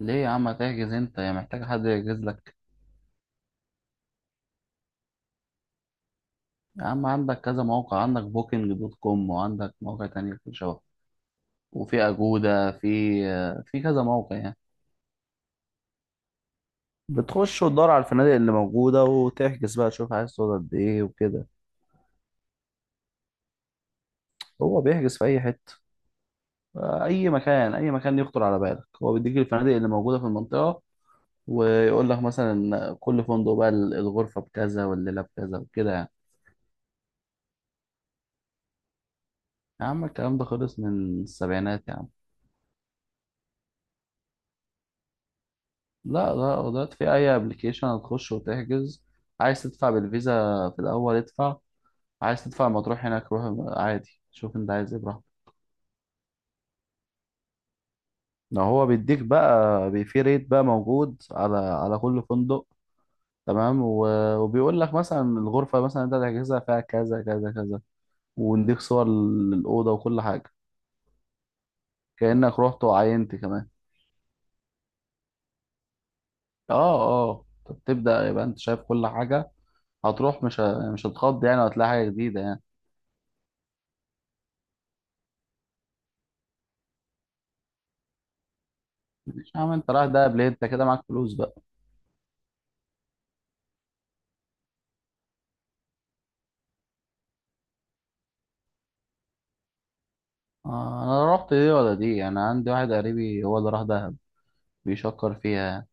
ليه يا عم هتحجز انت؟ يا محتاج حد يحجز لك؟ يا عم عندك كذا موقع، عندك بوكينج دوت كوم وعندك مواقع تانية. في شبه وفي أجودة. في كذا موقع يعني. بتخش وتدور على الفنادق اللي موجودة وتحجز بقى، تشوف عايز تقعد قد ايه وكده. هو بيحجز في أي حتة. أي مكان، أي مكان يخطر على بالك هو بيديك الفنادق اللي موجودة في المنطقة. ويقول لك مثلا كل فندق بقى الغرفة بكذا والليلة بكذا وكده يعني. يا عم الكلام ده خلص من السبعينات يا عم. لا، دلوقتي في اي ابلكيشن هتخش وتحجز. عايز تدفع بالفيزا في الاول، ادفع. عايز تدفع لما تروح هناك، روح. عادي، شوف انت عايز ايه براحتك. لو هو بيديك بقى، في ريت بقى موجود على كل فندق، تمام، وبيقول لك مثلا الغرفة مثلا انت هتحجزها فيها كذا كذا كذا، ونديك صور للأوضة وكل حاجة. كأنك رحت وعينت كمان. اه. اه، طب تبدأ، يبقى انت شايف كل حاجة. هتروح مش هتخض يعني، وهتلاقي حاجة جديدة يعني. مش عم انت رايح دهب ليه؟ انت كده معاك فلوس بقى. آه، انا رحت دي ولا دي؟ انا عندي واحد قريبي هو اللي راح دهب، بيشكر فيها يعني.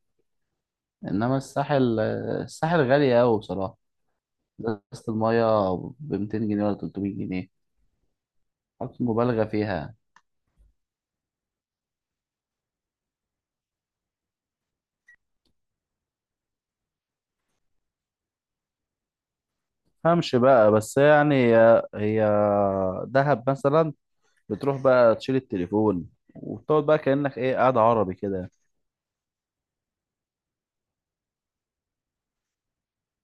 انما الساحل الساحل غالي قوي بصراحه. ازازه الميه ب 200 جنيه ولا 300 جنيه، حط مبالغه فيها. فهمش بقى، بس يعني هي دهب مثلا، بتروح بقى تشيل التليفون، وبتقعد بقى كأنك ايه، قاعد عربي كده.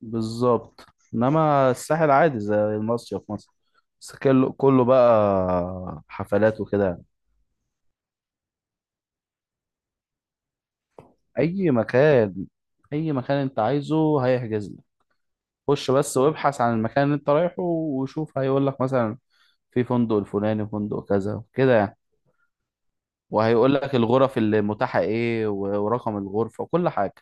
بالظبط. انما الساحل عادي زي المصيف مثلا، بس كله بقى حفلات وكده. اي مكان، اي مكان انت عايزه هيحجز لك. خش بس وابحث عن المكان اللي انت رايحه، وشوف هيقول لك مثلا في فندق الفلاني، فندق كذا كده يعني. وهيقول لك الغرف اللي متاحة ايه ورقم الغرفة وكل حاجة.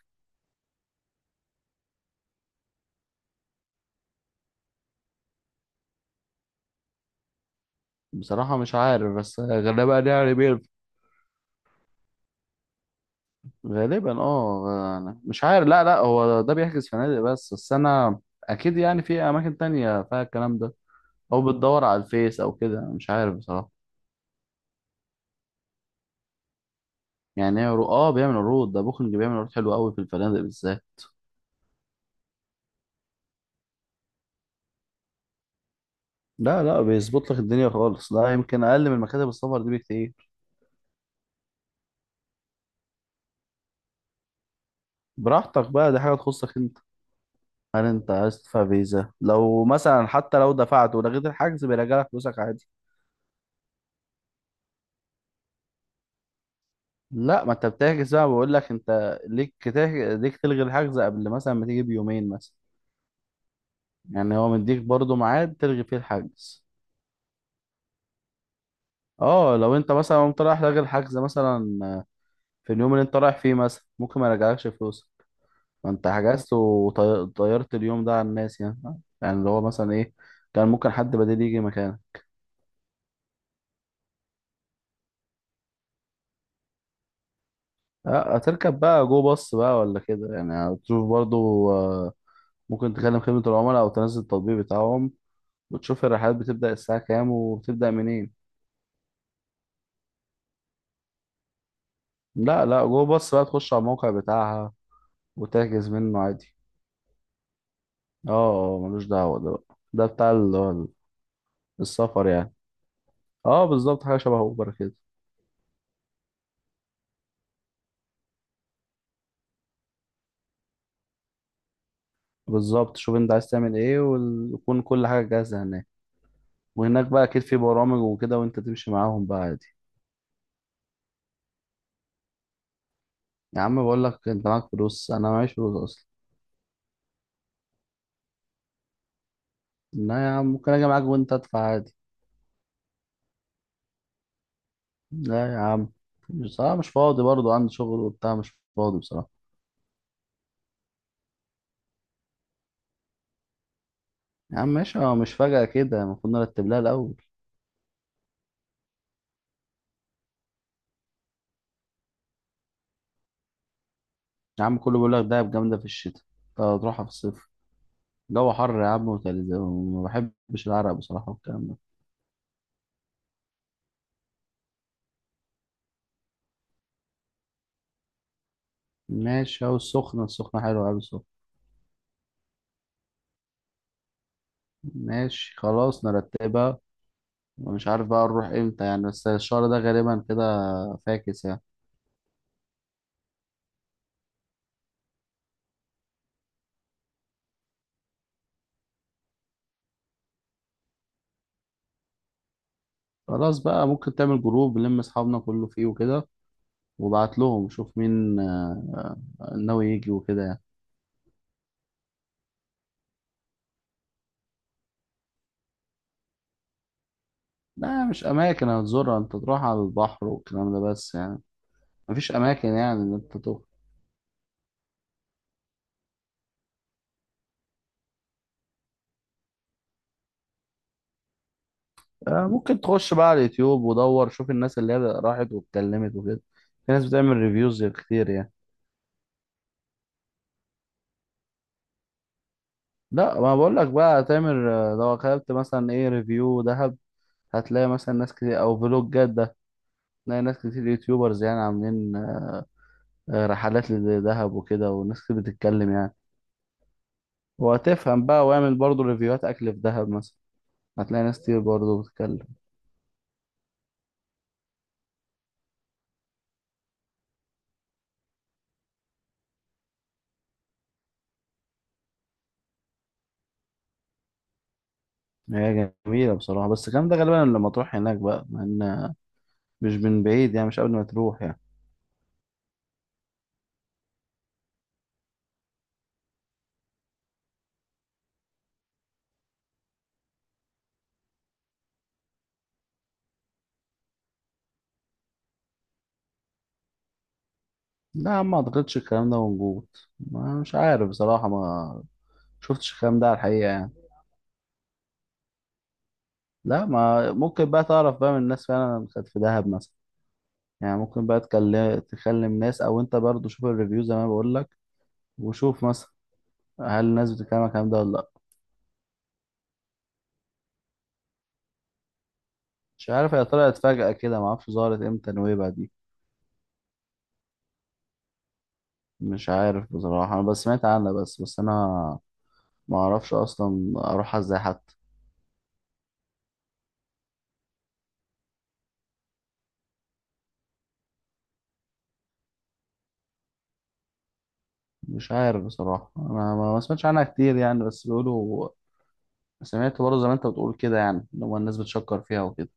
بصراحة مش عارف، بس غالبا يعني بيه. غالبا اه، أنا مش عارف. لا، هو ده بيحجز فنادق بس، انا اكيد يعني في اماكن تانية فيها الكلام ده. او بتدور على الفيس او كده، أنا مش عارف بصراحة. يعني إيه عروض؟ اه، بيعمل عروض، ده بوكينج بيعمل عروض حلوة قوي في الفنادق بالذات. لا، بيظبط لك الدنيا خالص، لا يمكن اقل من مكاتب السفر دي بكتير. براحتك بقى، دي حاجة تخصك انت. هل انت عايز تدفع فيزا؟ لو مثلا حتى لو دفعت ولغيت الحجز بيرجع لك فلوسك عادي. لا، ما انت بتحجز بقى، بقول لك انت ليك تلغي الحجز قبل مثلا ما تيجي بيومين مثلا. يعني هو مديك برضو ميعاد تلغي فيه الحجز. اه، لو انت مثلا قمت رايح لاغي الحجز مثلا في اليوم اللي انت رايح فيه مثلا، ممكن ما يرجعلكش فلوسك. ما انت حجزت وطيرت اليوم ده على الناس يعني. يعني اللي هو مثلا ايه، كان ممكن حد بديل يجي مكانك. اه، هتركب بقى جو باص بقى ولا كده، يعني هتشوف برضو. اه، ممكن تكلم خدمة العملاء أو تنزل التطبيق بتاعهم، بتشوف الرحلات بتبدأ الساعة كام وبتبدأ منين. لا، جوه بص بقى، تخش على الموقع بتاعها وتحجز منه عادي. اه، ملوش دعوة ده بقى، ده بتاع اللي هو السفر يعني. اه بالظبط، حاجة شبه اوبر كده. بالظبط، شوف انت عايز تعمل ايه، ويكون كل حاجة جاهزة هناك. وهناك بقى اكيد في برامج وكده، وانت تمشي معاهم بقى عادي. يا عم بقول لك انت معاك فلوس، انا معيش فلوس اصلا. لا يا عم، ممكن اجي معاك وانت ادفع عادي. لا يا عم، بصراحة مش فاضي برضه، عندي شغل وبتاع، مش فاضي بصراحة. يا عم ماشي، هو مش فجأة كده، المفروض نرتب لها الأول. يا عم كله بيقول لك دهب جامدة في الشتاء، أنت هتروحها في الصيف. جو حر يا عم وتلج، وما بحبش العرق بصراحة والكلام ده. ماشي، أهو السخنة، السخنة حلوة أوي السخنة. ماشي خلاص نرتبها. ومش عارف بقى نروح إمتى يعني، بس الشهر ده غالبا كده فاكس يعني. خلاص بقى، ممكن تعمل جروب نلم أصحابنا كله فيه وكده، وبعت لهم شوف مين ناوي يجي وكده يعني. لا، مش أماكن هتزورها، أنت تروح على البحر والكلام ده بس يعني. مفيش اماكن يعني ان انت تخرج. ممكن تخش بقى على اليوتيوب ودور، شوف الناس اللي هي راحت واتكلمت وكده. في ناس بتعمل ريفيوز كتير يعني. لا، ما بقول لك بقى تعمل، لو خدت مثلا ايه ريفيو دهب، هتلاقي مثلا ناس كتير او فلوجات ده. تلاقي ناس كتير يوتيوبرز يعني عاملين رحلات لدهب وكده، وناس كتير بتتكلم يعني. وهتفهم بقى، واعمل برضو ريفيوهات اكل في دهب مثلا، هتلاقي ناس كتير برضو بتتكلم. هي جميلة بصراحة، بس الكلام ده غالبا لما تروح هناك بقى، لأن مش من بعيد يعني، مش قبل ما تروح يعني. لا، ما اعتقدش الكلام ده موجود، ما مش عارف بصراحة، ما شفتش الكلام ده على الحقيقة يعني. لا، ما ممكن بقى تعرف بقى من الناس فعلا كانت في دهب مثلا، يعني ممكن بقى تكلم ناس، او انت برضو شوف الريفيو زي ما بقول لك، وشوف مثلا هل الناس بتتكلم على الكلام ده ولا لا. مش عارف، هي طلعت فجأة كده، ما اعرفش ظهرت امتى نويبع دي. مش عارف بصراحة، انا بس سمعت عنها بس، انا ما اعرفش اصلا اروحها ازاي حتى. مش عارف بصراحة، أنا ما سمعتش عنها كتير يعني، بس بيقولوا، سمعت برضه زي ما أنت بتقول كده يعني، إن هو الناس بتشكر فيها وكده.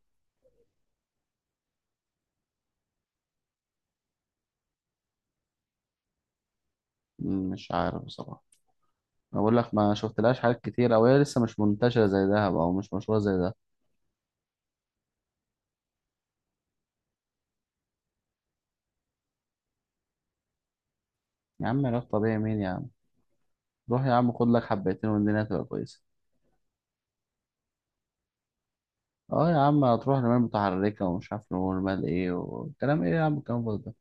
مش عارف بصراحة، أنا بقول لك ما شفتلهاش حاجات كتير، أو هي لسه مش منتشرة زي دهب أو مش مشهورة زي ده. يا عم علاج طبيعي مين يا عم؟ روح يا عم خد لك حبيتين والدنيا هتبقى كويسة. أه يا عم، هتروح رمال متحركة ومش عارف رمال إيه والكلام إيه، يا عم الكلام فاضي ده.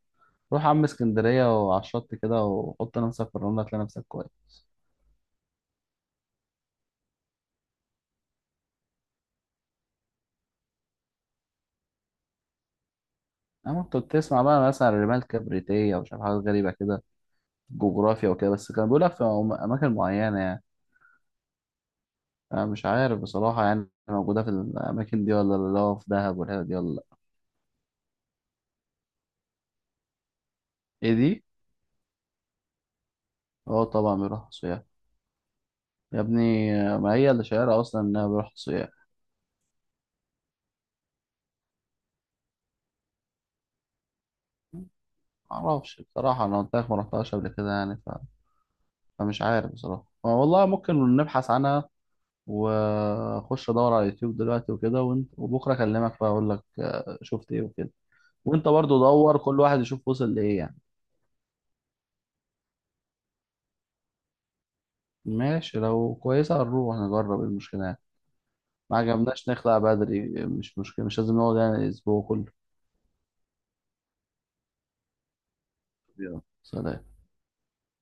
روح يا عم اسكندرية وعلى الشط كده، وحط نفسك في الرملة هتلاقي نفسك كويس. أما كنت بتسمع بقى مثلا عن رمال كبريتية ومش عارف حاجات غريبة كده، جغرافيا وكده، بس كان بيقولها في أماكن معينة يعني. أنا مش عارف بصراحة يعني موجودة في الأماكن دي ولا لا، اللي هو في دهب والحتت دي ولا لأ. إيه دي؟ أه طبعا بيروح سياح. يا ابني، ما هي اللي شايرة أصلا إنها بيروح سياح. معرفش بصراحة، أنا قلت لك ما رحتهاش قبل كده يعني، ف... فمش عارف بصراحة. أه والله ممكن نبحث عنها، وأخش أدور على اليوتيوب دلوقتي وكده، وانت وبكرة أكلمك بقى أقول لك شفت إيه وكده. وأنت برضو دور، كل واحد يشوف وصل لإيه يعني. ماشي، لو كويسة هنروح نجرب، إيه المشكلة يعني. ما عجبناش نخلع بدري، مش مشكلة، مش لازم نقعد يعني الأسبوع كله. يلا. سلام.